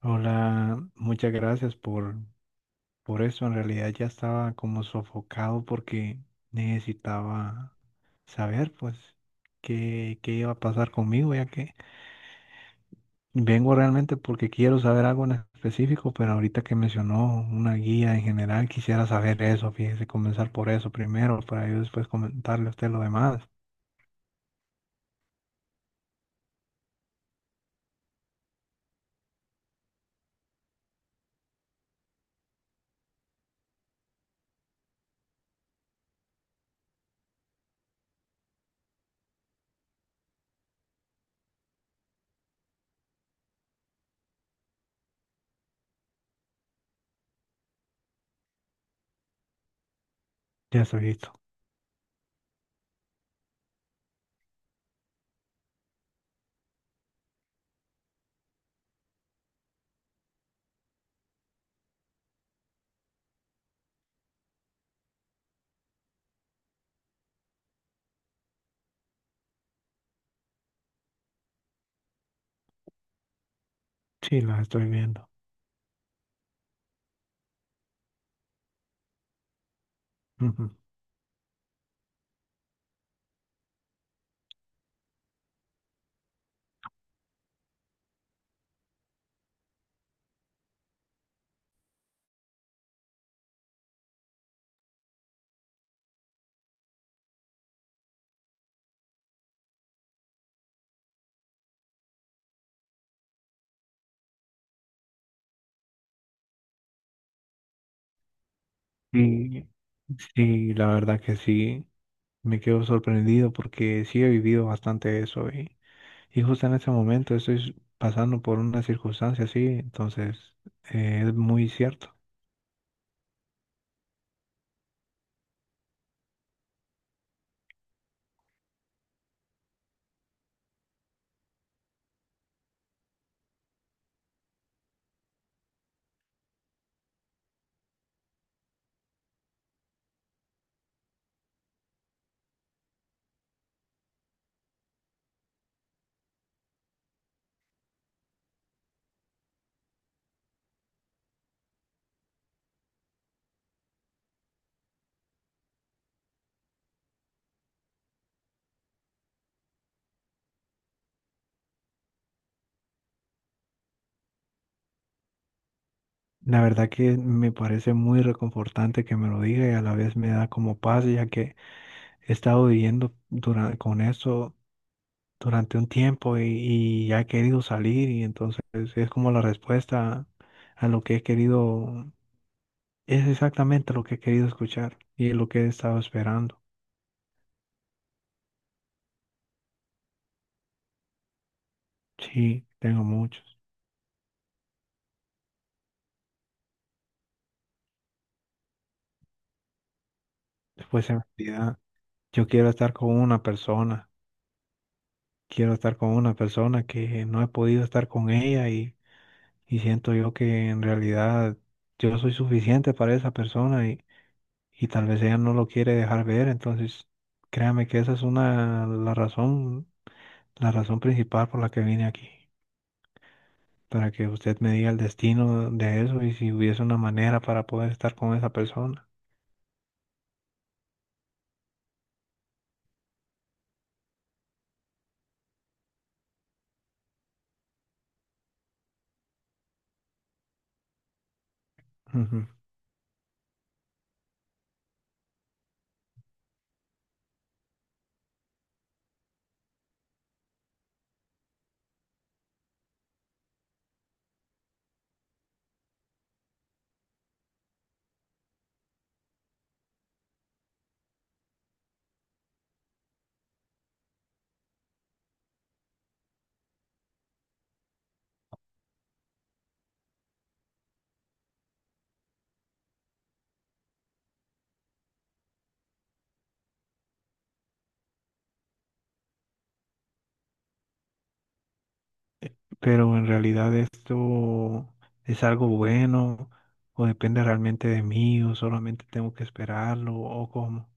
Hola, muchas gracias por eso. En realidad ya estaba como sofocado porque necesitaba saber, pues, qué iba a pasar conmigo, ya que vengo realmente porque quiero saber algo en específico, pero ahorita que mencionó una guía en general, quisiera saber eso, fíjese, comenzar por eso primero, para yo después comentarle a usted lo demás. Ya estoy listo. Sí, las estoy viendo. Ujú. Y sí, la verdad que sí. Me quedo sorprendido porque sí he vivido bastante eso y justo en ese momento estoy pasando por una circunstancia así, entonces es muy cierto. La verdad que me parece muy reconfortante que me lo diga y a la vez me da como paz ya que he estado con eso durante un tiempo y ya he querido salir y entonces es como la respuesta a lo que he querido, es exactamente lo que he querido escuchar y es lo que he estado esperando. Sí, tengo muchos. Después se me olvida, yo quiero estar con una persona, quiero estar con una persona que no he podido estar con ella, y siento yo que en realidad yo soy suficiente para esa persona, y tal vez ella no lo quiere dejar ver, entonces créame que esa es una, la razón principal por la que vine aquí, para que usted me diga el destino de eso y si hubiese una manera para poder estar con esa persona. Ujú. Pero en realidad, ¿esto es algo bueno o depende realmente de mí o solamente tengo que esperarlo o cómo?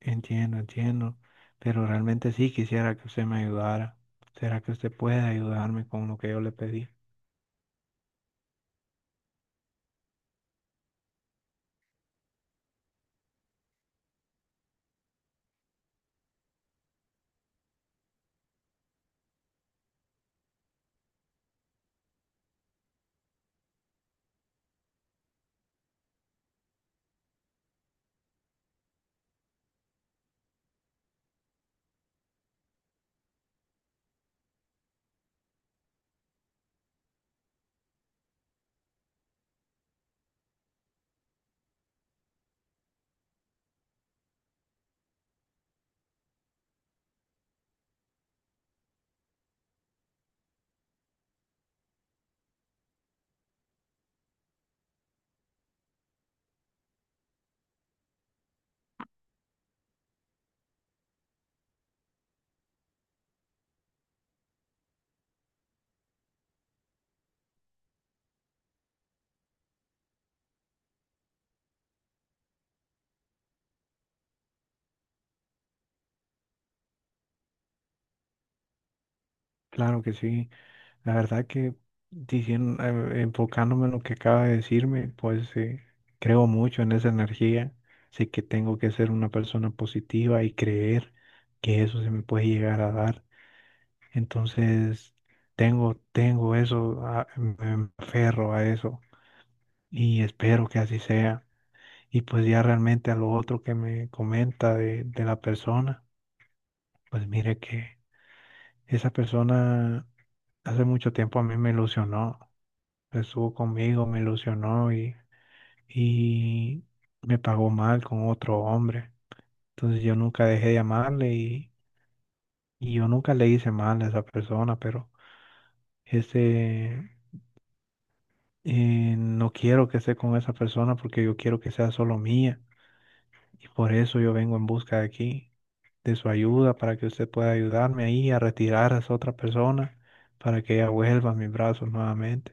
Entiendo, entiendo, pero realmente sí quisiera que usted me ayudara. ¿Será que usted puede ayudarme con lo que yo le pedí? Claro que sí. La verdad que enfocándome en lo que acaba de decirme, pues, creo mucho en esa energía. Sé que tengo que ser una persona positiva y creer que eso se me puede llegar a dar. Entonces, tengo eso, me aferro a eso y espero que así sea. Y pues ya realmente a lo otro que me comenta de la persona, pues mire que esa persona hace mucho tiempo a mí me ilusionó. Estuvo conmigo, me ilusionó, y me pagó mal con otro hombre. Entonces yo nunca dejé de amarle, y yo nunca le hice mal a esa persona, pero ese no quiero que esté con esa persona porque yo quiero que sea solo mía y por eso yo vengo en busca de aquí, de su ayuda para que usted pueda ayudarme ahí a retirar a esa otra persona para que ella vuelva a mis brazos nuevamente.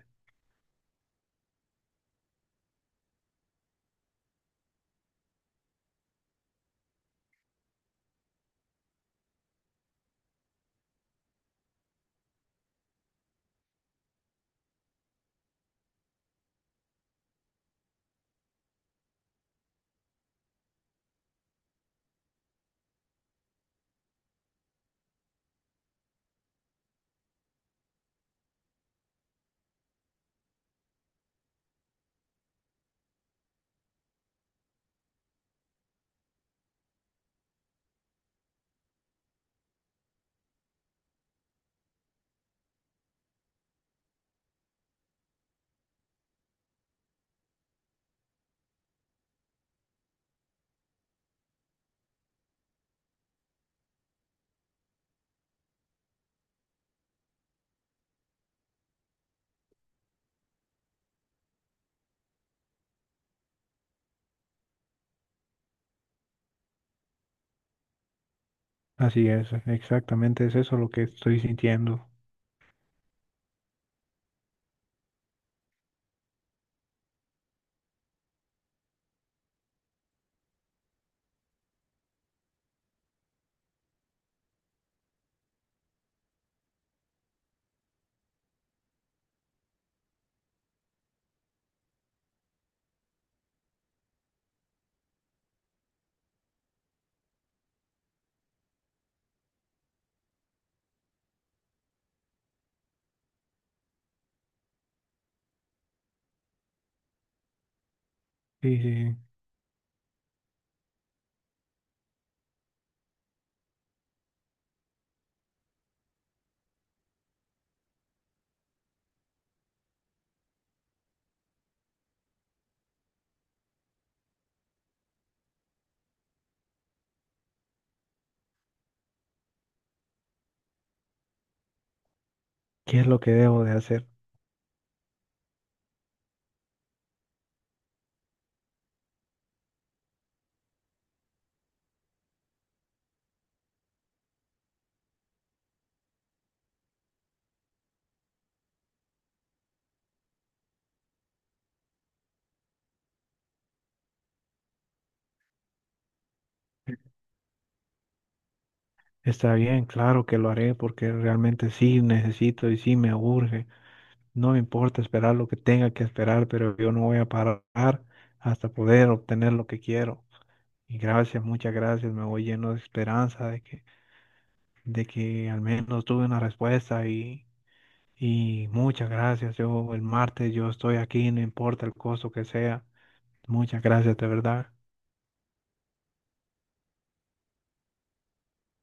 Así es, exactamente es eso lo que estoy sintiendo. Sí, sí. ¿Qué es lo que debo de hacer? Está bien, claro que lo haré porque realmente sí necesito y sí me urge. No me importa esperar lo que tenga que esperar, pero yo no voy a parar hasta poder obtener lo que quiero. Y gracias, muchas gracias. Me voy lleno de esperanza de que al menos tuve una respuesta y muchas gracias. Yo el martes yo estoy aquí, no importa el costo que sea. Muchas gracias, de verdad.